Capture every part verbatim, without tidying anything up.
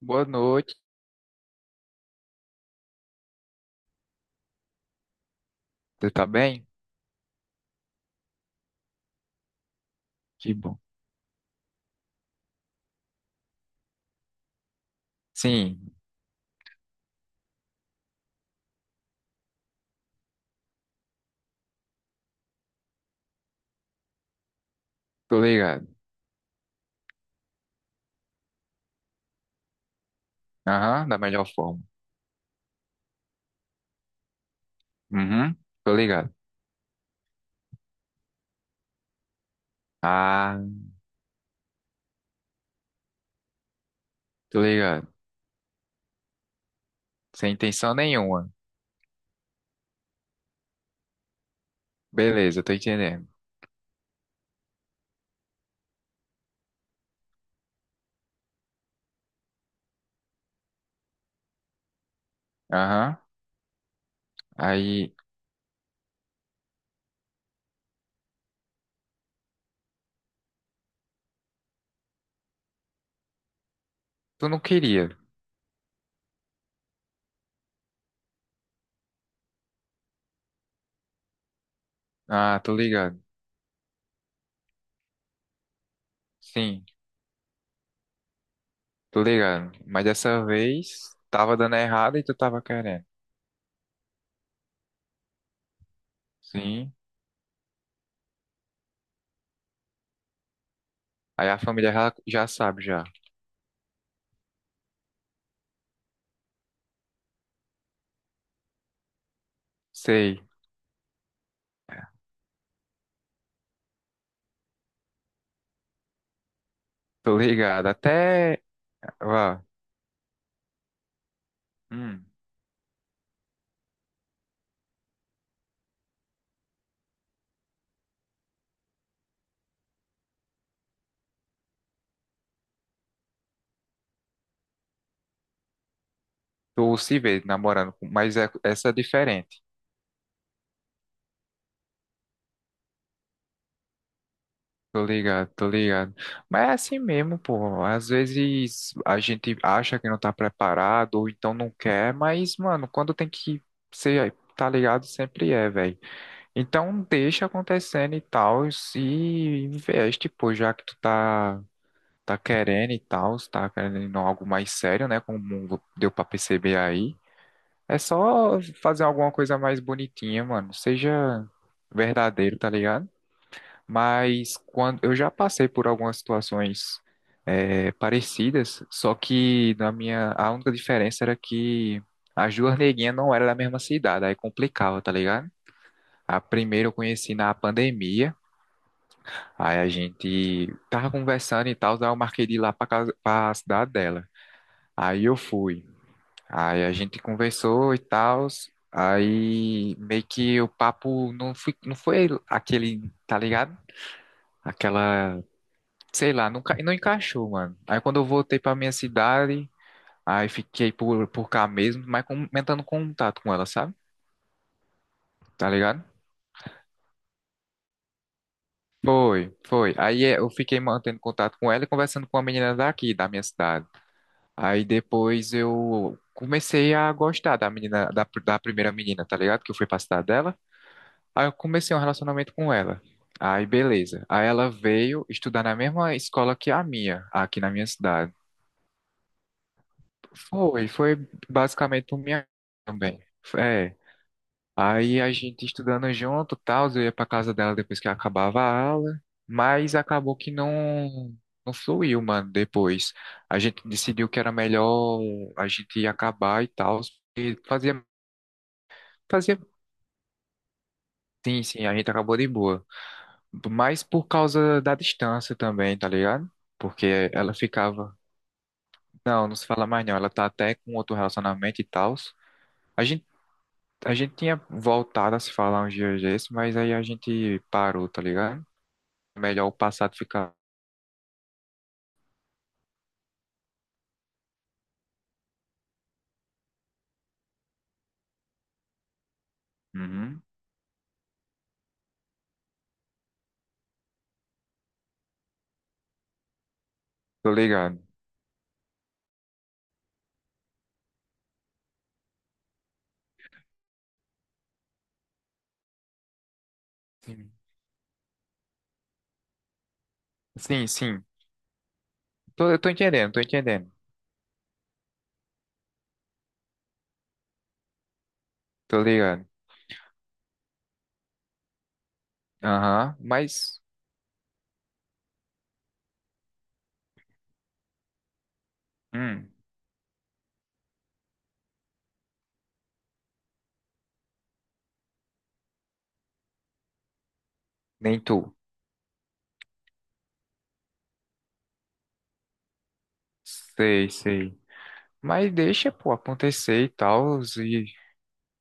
Boa noite, você tá bem? Que bom. Sim, tô ligado. Aham, da melhor forma. Uhum, tô ligado. Ah, tô ligado. Sem intenção nenhuma. Beleza, tô entendendo. Aham, aí, tu não queria. Ah, tô ligado. Sim, tô ligado. Mas dessa vez, tava dando errado e tu tava querendo. Sim, aí a família já, já sabe já. Sei, tô ligado. Até, vá, hum, tu se vê namorando, com- mas é, essa é a diferença. Tô ligado, tô ligado. Mas é assim mesmo, pô. Às vezes a gente acha que não tá preparado ou então não quer, mas, mano, quando tem que ser, tá ligado, sempre é, velho. Então deixa acontecendo e tal, e investe, pô, já que tu tá, tá querendo e tal, se tá querendo algo mais sério, né? Como deu pra perceber aí. É só fazer alguma coisa mais bonitinha, mano. Seja verdadeiro, tá ligado? Mas quando eu já passei por algumas situações eh, parecidas, só que na minha a única diferença era que as duas neguinhas não eram da mesma cidade, aí complicava, tá ligado? A primeira eu conheci na pandemia, aí a gente tava conversando e tal, daí eu marquei de ir lá pra casa, pra cidade dela. Aí eu fui, aí a gente conversou e tal, aí meio que o papo não foi, não foi aquele, tá ligado? Aquela sei lá, não, não encaixou, mano. Aí quando eu voltei pra minha cidade, aí fiquei por, por cá mesmo, mas aumentando contato com ela, sabe? Tá ligado? Foi, foi. Aí é, eu fiquei mantendo contato com ela e conversando com a menina daqui, da minha cidade. Aí depois eu comecei a gostar da menina, da, pr- da primeira menina, tá ligado? Que eu fui pra cidade dela. Aí eu comecei um relacionamento com ela. Aí beleza. Aí ela veio estudar na mesma escola que a minha, aqui na minha cidade. Foi, foi basicamente por minha também. É, aí a gente estudando junto, tal, eu ia pra casa dela depois que acabava a aula, mas acabou que não não fluiu, mano, depois. A gente decidiu que era melhor a gente acabar e tal, e fazia fazia sim, sim, a gente acabou de boa. Mas por causa da distância também, tá ligado? Porque ela ficava, não, não se fala mais não, ela tá até com outro relacionamento e tal. A gente tinha voltado a se falar uns dias desses, mas aí a gente parou, tá ligado? É melhor o passado ficar. Uhum. Tô ligado. Sim, sim. Sim. Tô, eu tô entendendo, tô entendendo. Tô ligado. Aham, mas. Hum, nem tu. Sei, sei. Mas deixa, pô, acontecer e tal. E...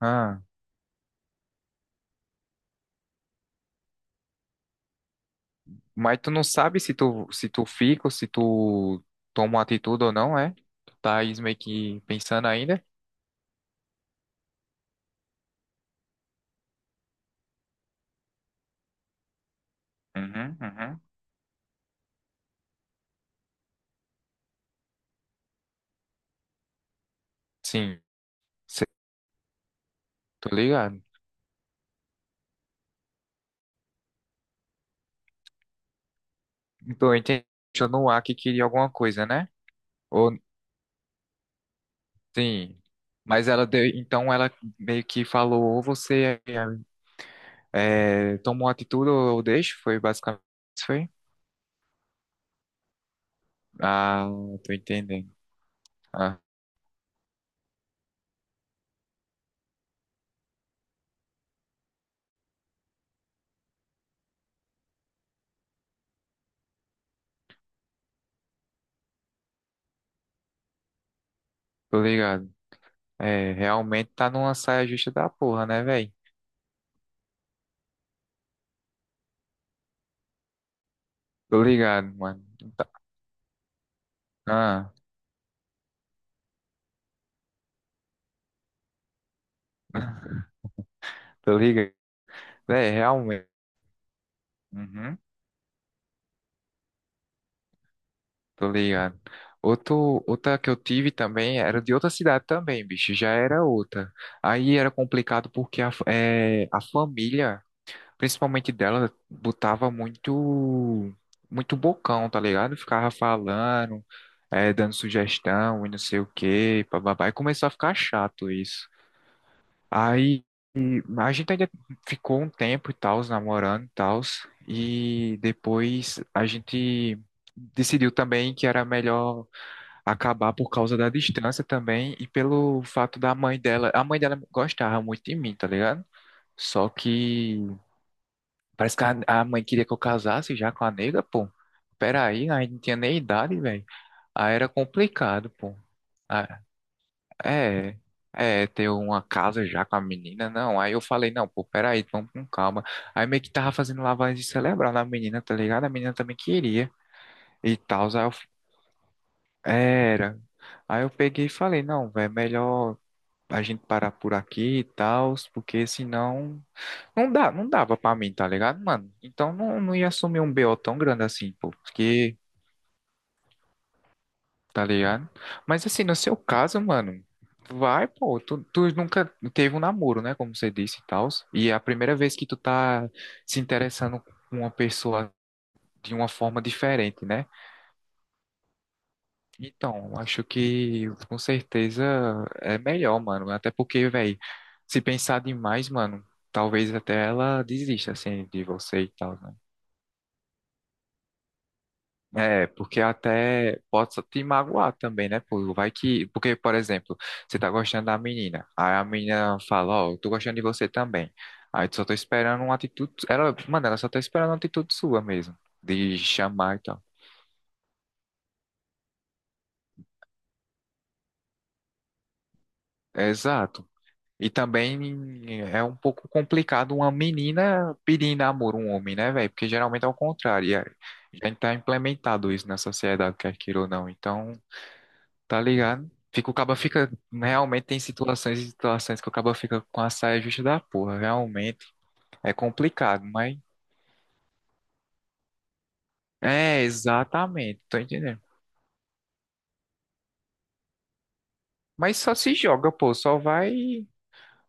Ah, mas tu não sabe se tu, se tu fica ou se tu toma uma atitude ou não, é? Tu tá aí meio que pensando ainda? Uhum, uhum. Sim, sei, tô ligado. Então, eu entendi no ar que queria alguma coisa, né? Ou sim. Mas ela deu, então ela meio que falou, ou você é, toma atitude ou eu deixo, foi basicamente isso, foi? Ah, tô entendendo. Ah, tô ligado. É, realmente tá numa saia justa da porra, né, velho? Tô ligado, mano. Tá- Ah, tô ligado. É, realmente. Uhum. Tô ligado. Outro, outra que eu tive também era de outra cidade também, bicho. Já era outra. Aí era complicado porque a, fa- eh, a família, principalmente dela, botava muito, muito bocão, tá ligado? Ficava falando, eh, dando sugestão e não sei o quê, bababá. E começou a ficar chato isso. Aí a gente ainda ficou um tempo e tal, namorando e tal. E depois a gente decidiu também que era melhor acabar por causa da distância também e pelo fato da mãe dela. A mãe dela gostava muito de mim, tá ligado? Só que parece que a, a mãe queria que eu casasse já com a nega, pô. Peraí, aí não tinha nem idade, velho. Aí era complicado, pô. Ah, é, é, ter uma casa já com a menina, não. Aí eu falei, não, pô, peraí, vamos com calma. Aí meio que tava fazendo lavagem cerebral na menina, tá ligado? A menina também queria e tal. Aí eu, era. Aí eu peguei e falei, não, velho, melhor a gente parar por aqui e tal, porque senão não dá, não dava pra mim, tá ligado, mano? Então não, não ia assumir um B O tão grande assim, pô, porque, tá ligado? Mas assim, no seu caso, mano, vai, pô, tu, tu nunca teve um namoro, né, como você disse e tal, e é a primeira vez que tu tá se interessando com uma pessoa de uma forma diferente, né? Então, acho que com certeza é melhor, mano. Até porque, velho, se pensar demais, mano, talvez até ela desista, assim, de você e tal, né? É, porque até pode só te magoar também, né? Pô, vai que. Porque, por exemplo, você tá gostando da menina. Aí a menina fala, ó, eu tô gostando de você também. Aí tu só tô esperando uma atitude. Ela, mano, ela só tá esperando uma atitude sua mesmo. De chamar e tal. Exato. E também é um pouco complicado uma menina pedir em namoro um homem, né, velho? Porque geralmente é o contrário. E é- Já está implementado isso na sociedade, quer queira ou não. Então, tá ligado? Fica, o caba fica. Realmente tem situações e situações que o caba fica com a saia justa da porra. Realmente é complicado, mas. É, exatamente. Tô entendendo. Mas só se joga, pô. Só vai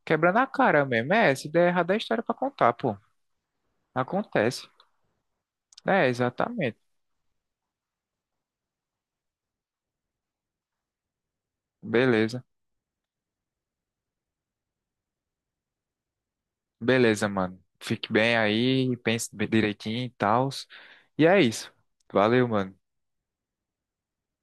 quebrando a cara mesmo. É, se der errado é história pra contar, pô. Acontece. É, exatamente. Beleza. Beleza, mano. Fique bem aí, pense bem direitinho e tal. E é isso. Valeu, mano.